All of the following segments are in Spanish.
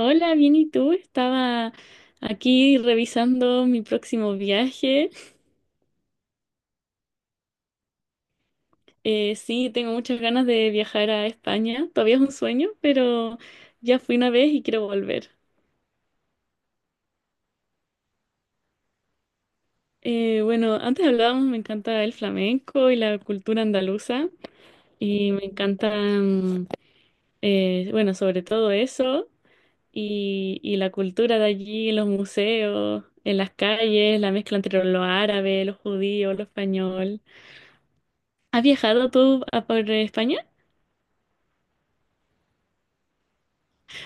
Hola, bien, ¿y tú? Estaba aquí revisando mi próximo viaje. Sí, tengo muchas ganas de viajar a España. Todavía es un sueño, pero ya fui una vez y quiero volver. Bueno, antes hablábamos, me encanta el flamenco y la cultura andaluza y me encanta, bueno, sobre todo eso y la cultura de allí, los museos, en las calles, la mezcla entre lo árabe, lo judío, lo español. ¿Has viajado tú a por España?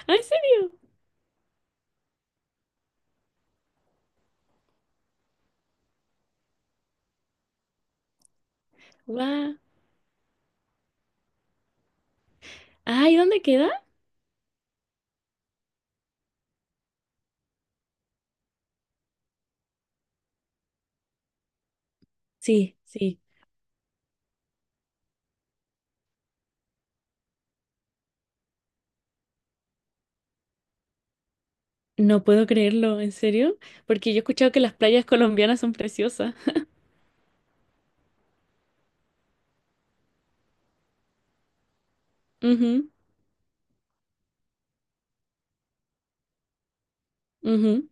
Ah, ¿en serio? ¡Guau! Ah, ¿y dónde queda? Sí, sí. No puedo creerlo, ¿en serio? Porque yo he escuchado que las playas colombianas son preciosas. Ujú, ujú.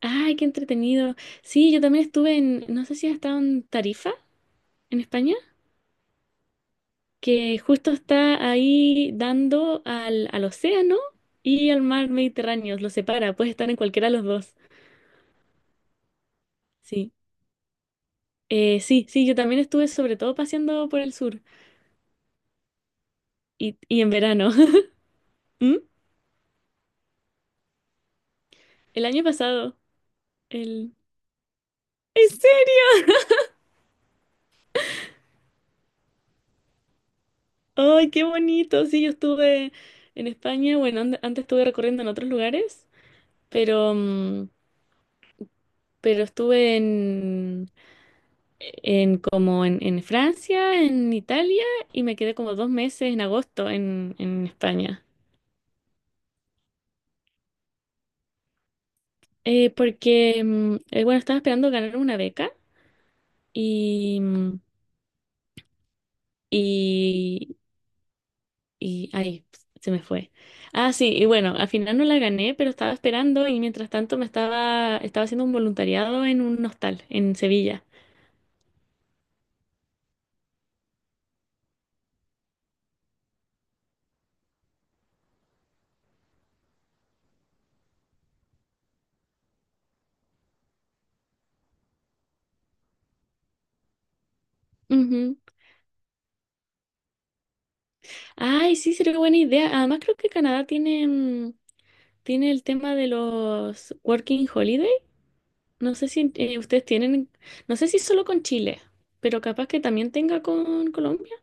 Ay, qué entretenido. Sí, yo también estuve no sé si has estado en Tarifa, en España, que justo está ahí dando al océano y al mar Mediterráneo, lo separa, puedes estar en cualquiera de los dos. Sí. Sí, sí, yo también estuve sobre todo paseando por el sur y en verano. ¿Mm? El año pasado, el... ¿En serio? ¡Ay, qué bonito! Sí, yo estuve en España, bueno, antes estuve recorriendo en otros lugares, pero, mm, pero estuve en como en Francia, en Italia, y me quedé como 2 meses en agosto en España. Porque, bueno, estaba esperando ganar una beca y, mm, y Y ahí se me fue. Ah, sí, y bueno, al final no la gané, pero estaba esperando y mientras tanto me estaba haciendo un voluntariado en un hostal en Sevilla. Ujú. Ay, sí, sería buena idea. Además, creo que Canadá tiene, tiene el tema de los Working Holiday. No sé si ustedes tienen, no sé si solo con Chile, pero capaz que también tenga con Colombia.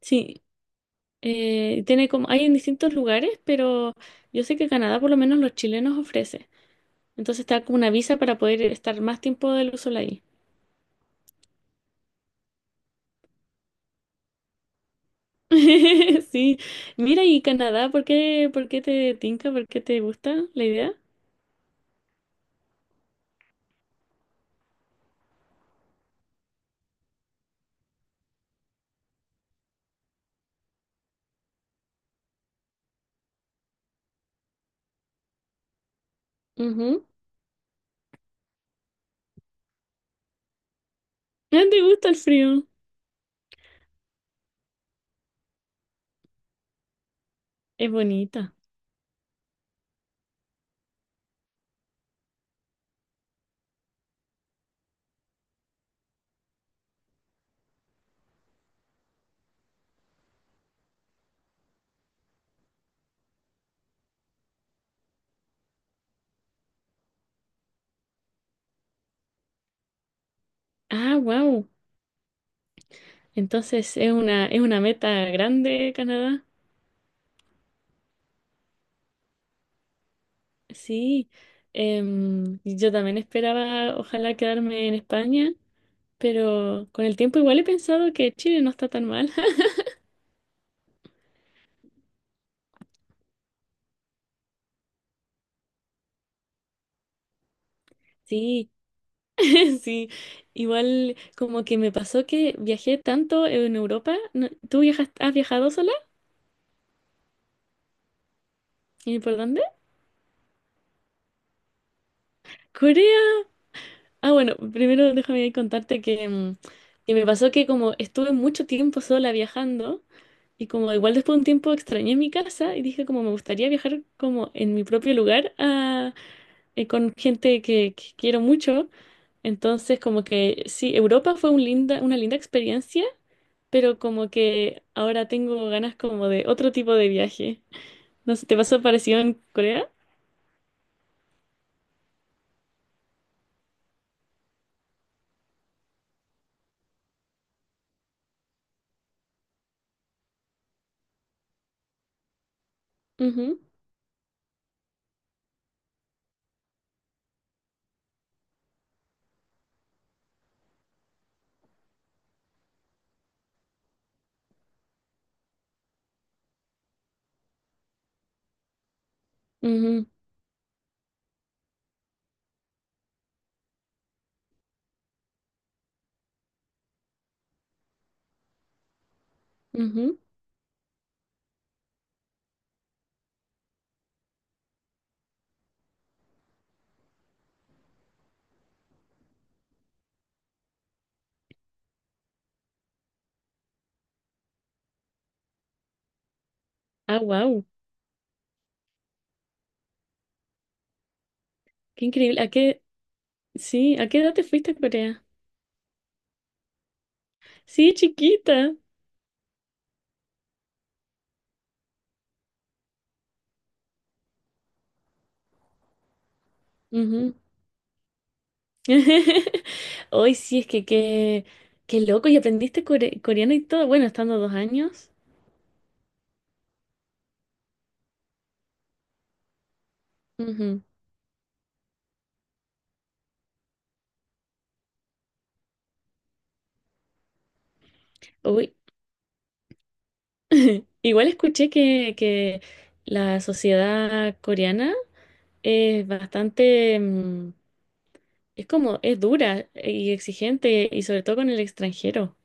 Sí, tiene como, hay en distintos lugares, pero yo sé que Canadá por lo menos los chilenos ofrece. Entonces te da como una visa para poder estar más tiempo del sol ahí. Sí. Mira, y Canadá, ¿por qué te tinca? ¿Por qué te gusta la idea? Ujú. Ah, ¿te gusta el frío? Es bonita. Ah, wow. Entonces es una meta grande, Canadá. Sí. Yo también esperaba, ojalá, quedarme en España, pero con el tiempo igual he pensado que Chile no está tan mal. Sí. Sí, igual como que me pasó que viajé tanto en Europa. ¿Tú viajas, has viajado sola? ¿Y por dónde? Corea. Ah, bueno, primero déjame ahí contarte que, que me pasó que como estuve mucho tiempo sola viajando y como igual después de un tiempo extrañé mi casa y dije como me gustaría viajar como en mi propio lugar con gente que quiero mucho. Entonces como que sí, Europa fue una linda experiencia pero como que ahora tengo ganas como de otro tipo de viaje. No sé, ¿te pasó parecido en Corea? Ujú, ujú, ujú. Ah, wow, qué increíble. Sí, ¿a qué edad te fuiste a Corea? Sí, chiquita. Ujú. Hoy sí, es que qué loco, y aprendiste coreano y todo, bueno, estando 2 años. Ujú. Uy, igual escuché que la sociedad coreana es bastante. Es como, es dura y exigente, y sobre todo con el extranjero.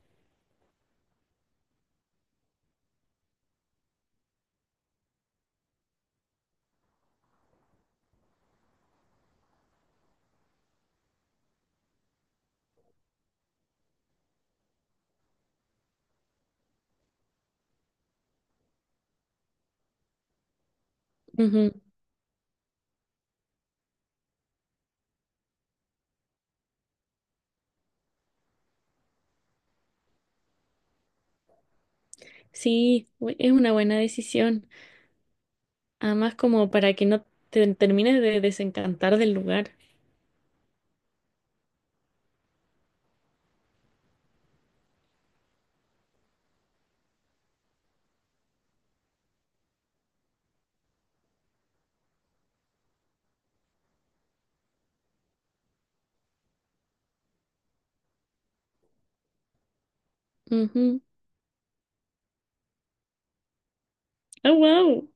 Ujú. Sí, es una buena decisión. Además, como para que no te termines de desencantar del lugar. Ujú. ¡Ah, wow!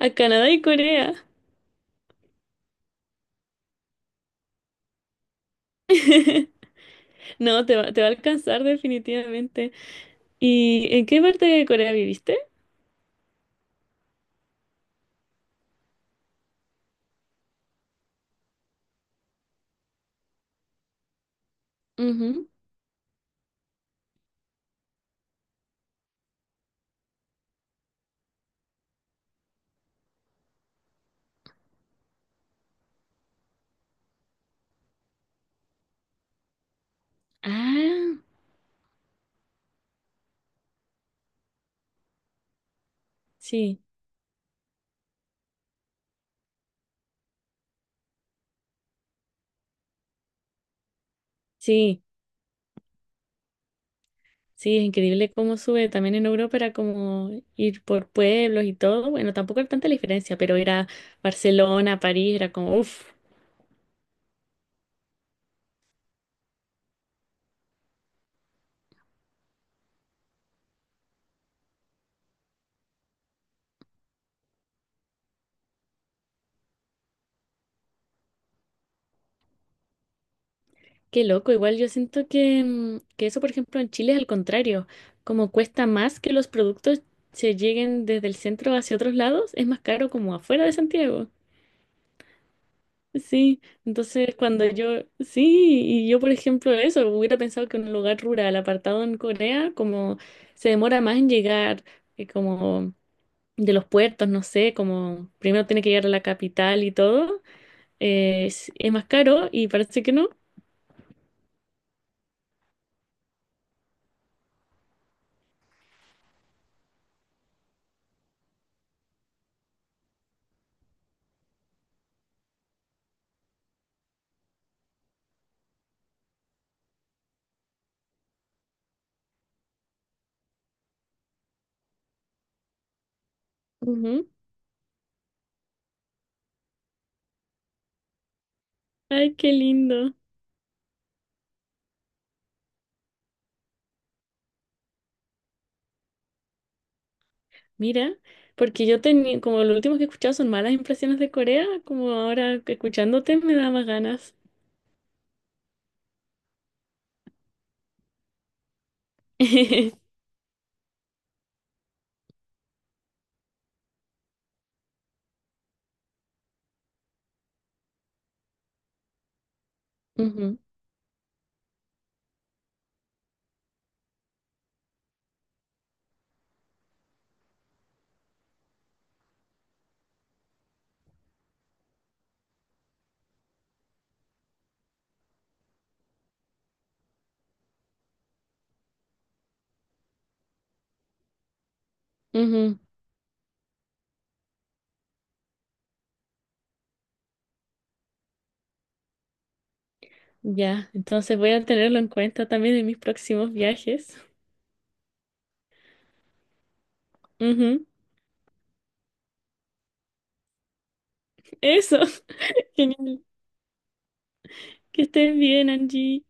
A Canadá y Corea. No, te va a alcanzar definitivamente. ¿Y en qué parte de Corea viviste? Ujú. Ah, sí, sí. Sí, es increíble cómo sube. También en Europa era como ir por pueblos y todo. Bueno, tampoco hay tanta diferencia, pero ir a Barcelona, París, era como, uff, qué loco. Igual yo siento que, que eso, por ejemplo, en Chile es al contrario. Como cuesta más que los productos se lleguen desde el centro hacia otros lados, es más caro como afuera de Santiago. Sí, entonces cuando yo, sí, y yo por ejemplo eso, hubiera pensado que en un lugar rural, apartado en Corea, como se demora más en llegar, que como de los puertos, no sé, como primero tiene que llegar a la capital y todo, es más caro y parece que no. Ujú. Ay, qué lindo. Mira, porque yo tenía, como lo último que he escuchado son malas impresiones de Corea, como ahora que escuchándote me da más ganas. Ujú, ujú. Ya, entonces voy a tenerlo en cuenta también en mis próximos viajes. Ujú, eso, genial. Que estés bien, Angie.